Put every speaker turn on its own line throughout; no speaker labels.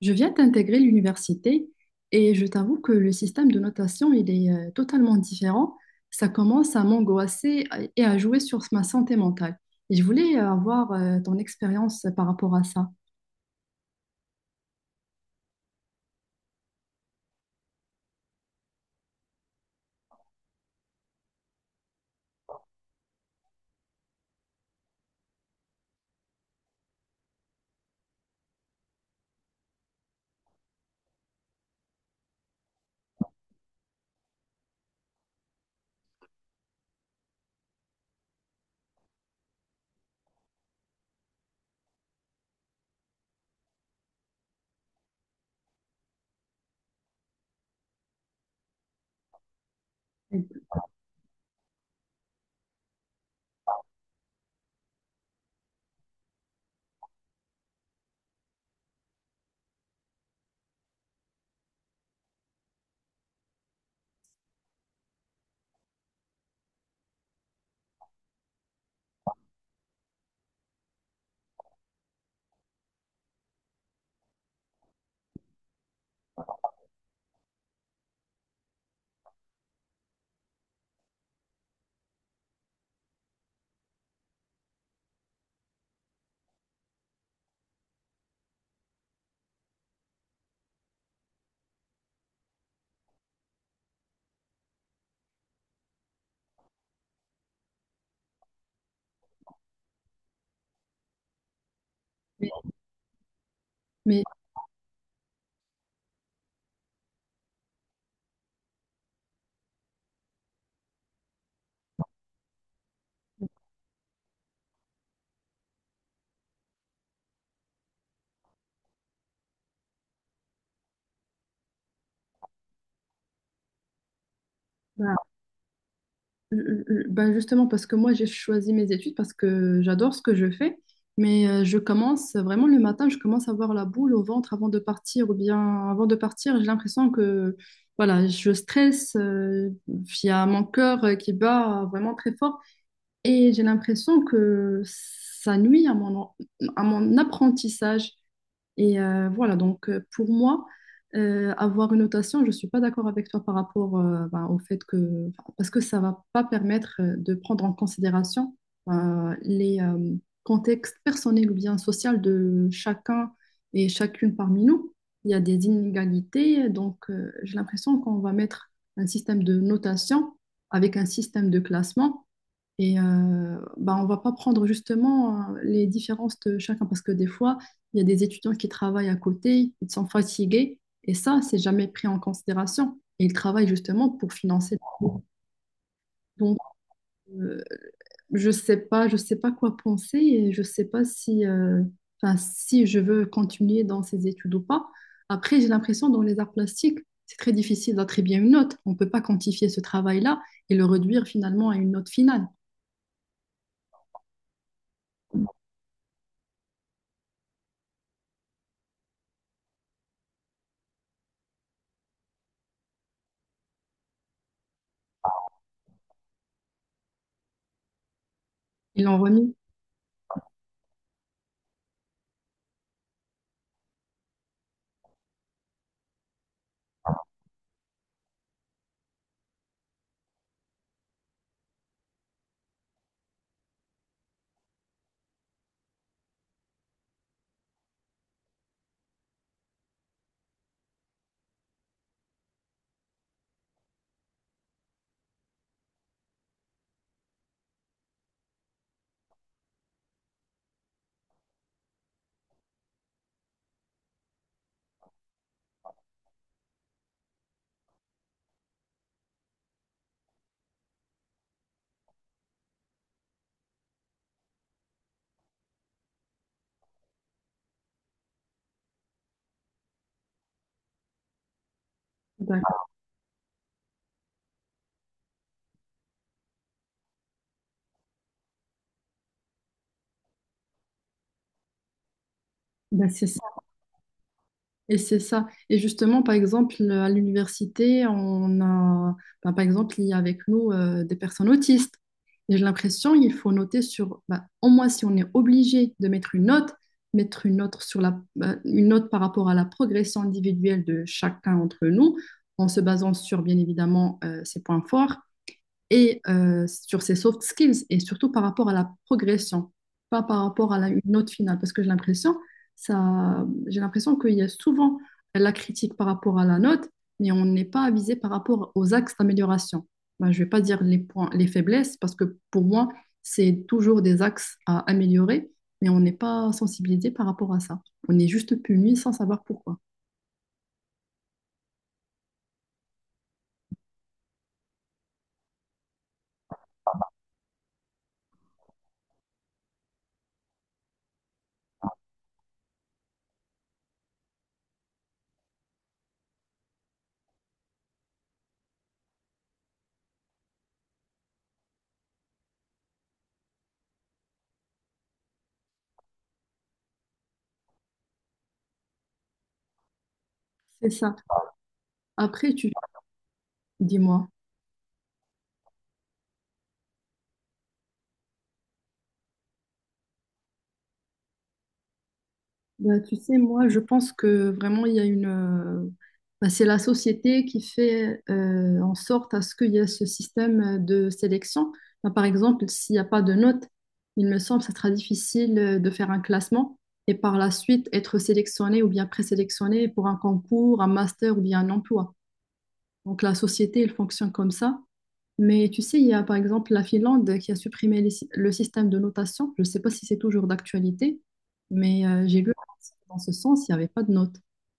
Je viens d'intégrer l'université et je t'avoue que le système de notation, il est totalement différent. Ça commence à m'angoisser et à jouer sur ma santé mentale. Et je voulais avoir ton expérience par rapport à ça. Mais, mais, mm, mm, mm. Ben justement, parce que moi, j'ai choisi mes études parce que j'adore ce que je fais, mais je commence vraiment le matin, je commence à avoir la boule au ventre avant de partir, ou bien avant de partir, j'ai l'impression que voilà, je stresse, il y a mon cœur qui bat vraiment très fort, et j'ai l'impression que ça nuit à mon apprentissage. Et voilà, donc pour moi, avoir une notation, je ne suis pas d'accord avec toi par rapport ben, au fait que, enfin, parce que ça ne va pas permettre de prendre en considération les contextes personnels ou bien sociaux de chacun et chacune parmi nous. Il y a des inégalités, donc j'ai l'impression qu'on va mettre un système de notation avec un système de classement. Et bah, on ne va pas prendre justement les différences de chacun parce que des fois, il y a des étudiants qui travaillent à côté, ils sont fatigués et ça, c'est jamais pris en considération. Et ils travaillent justement pour financer. Donc, euh, je sais pas quoi penser et je sais pas si, enfin, si je veux continuer dans ces études ou pas. Après, j'ai l'impression dans les arts plastiques, c'est très difficile d'attribuer une note. On ne peut pas quantifier ce travail-là et le réduire finalement à une note finale. Ils l'ont remis. D'accord. Ben, c'est ça. Et c'est ça. Et justement, par exemple, à l'université, on a, ben, par exemple, il y a avec nous des personnes autistes. Et j'ai l'impression qu'il faut noter sur, ben, au moins si on est obligé de mettre une note sur la, ben, une note par rapport à la progression individuelle de chacun entre nous, en se basant sur, bien évidemment, ses points forts, et sur ses soft skills et surtout par rapport à la progression, pas par rapport à la, une note finale, parce que j'ai l'impression, ça, j'ai l'impression qu'il y a souvent la critique par rapport à la note, mais on n'est pas avisé par rapport aux axes d'amélioration. Ben, je ne vais pas dire les points, les faiblesses, parce que pour moi, c'est toujours des axes à améliorer, mais on n'est pas sensibilisé par rapport à ça. On est juste puni sans savoir pourquoi. C'est ça. Après, tu dis-moi. Bah, tu sais, moi, je pense que vraiment, il y a une... bah, c'est la société qui fait en sorte à ce qu'il y ait ce système de sélection. Bah, par exemple, s'il n'y a pas de notes, il me semble que ça sera difficile de faire un classement et par la suite être sélectionné ou bien présélectionné pour un concours, un master ou bien un emploi. Donc la société, elle fonctionne comme ça. Mais tu sais, il y a par exemple la Finlande qui a supprimé les le système de notation. Je ne sais pas si c'est toujours d'actualité, mais j'ai lu un article dans ce sens, il n'y avait pas de notes.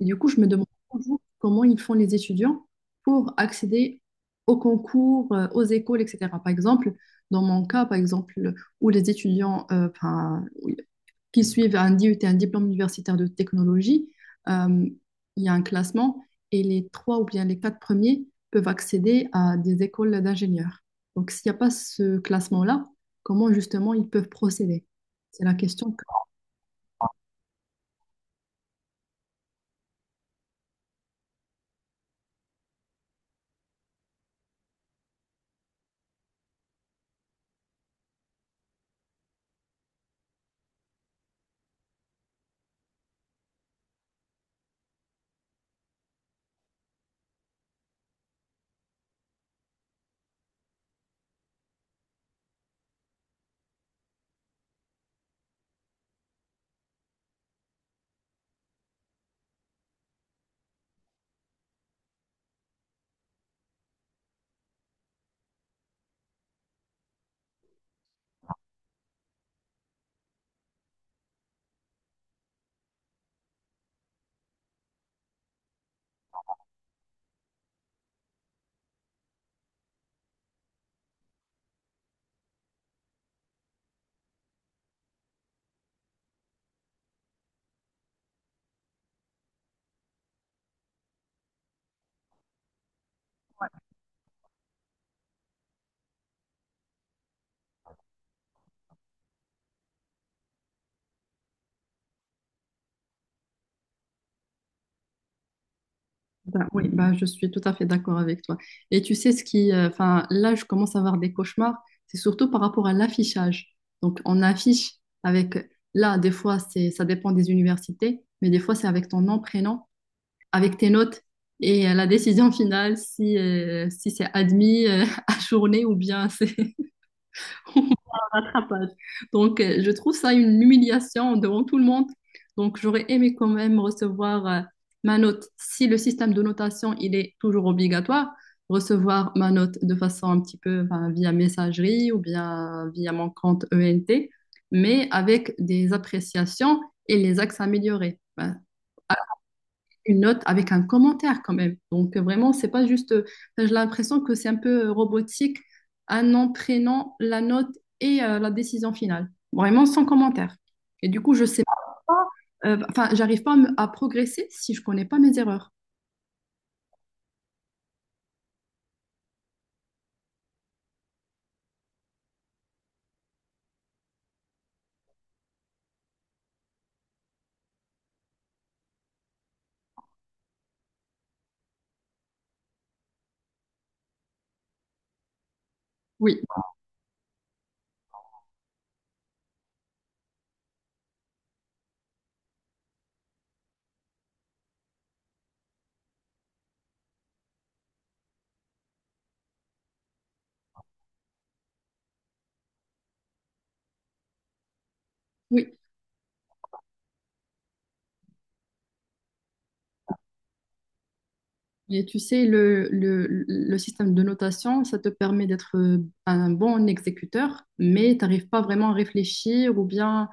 Et du coup, je me demande toujours comment ils font les étudiants pour accéder aux concours, aux écoles, etc. Par exemple, dans mon cas, par exemple, où les étudiants enfin, oui, qui suivent un DUT, un diplôme universitaire de technologie, euh, il y a un classement et les trois ou bien les quatre premiers peuvent accéder à des écoles d'ingénieurs. Donc, s'il n'y a pas ce classement-là, comment justement ils peuvent procéder? C'est la question que... Bah, oui, bah, je suis tout à fait d'accord avec toi. Et tu sais ce qui... enfin, là, je commence à avoir des cauchemars. C'est surtout par rapport à l'affichage. Donc, on affiche avec... Là, des fois, c'est, ça dépend des universités, mais des fois, c'est avec ton nom, prénom, avec tes notes et la décision finale, si, si c'est admis à journée ou bien c'est... rattrapage. Donc, je trouve ça une humiliation devant tout le monde. Donc, j'aurais aimé quand même recevoir ma note. Si le système de notation, il est toujours obligatoire, recevoir ma note de façon un petit peu enfin, via messagerie ou bien via mon compte ENT, mais avec des appréciations et les axes améliorés. Ben, une note avec un commentaire quand même. Donc vraiment, c'est pas juste. Enfin, j'ai l'impression que c'est un peu robotique, un nom, prénom, la note et la décision finale. Vraiment sans commentaire. Et du coup, je sais, pas, enfin, j'arrive pas à, à progresser si je connais pas mes erreurs. Oui, oui. Et tu sais, le système de notation, ça te permet d'être un bon exécuteur, mais tu n'arrives pas vraiment à réfléchir ou bien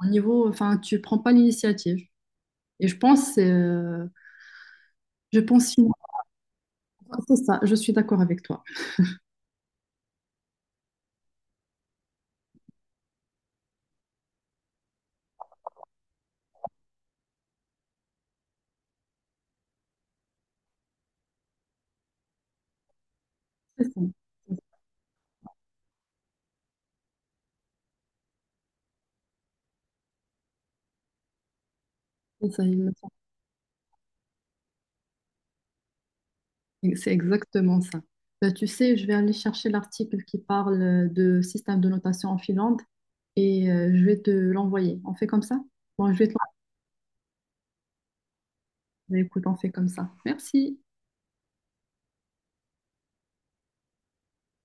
au niveau, enfin, tu prends pas l'initiative. Et je pense, je pense. Ah, c'est ça, je suis d'accord avec toi. C'est ça. C'est ça, il me semble. C'est exactement ça. Bah, tu sais, je vais aller chercher l'article qui parle de système de notation en Finlande et je vais te l'envoyer. On fait comme ça? Bon, je vais te l'envoyer. Écoute, on fait comme ça. Merci.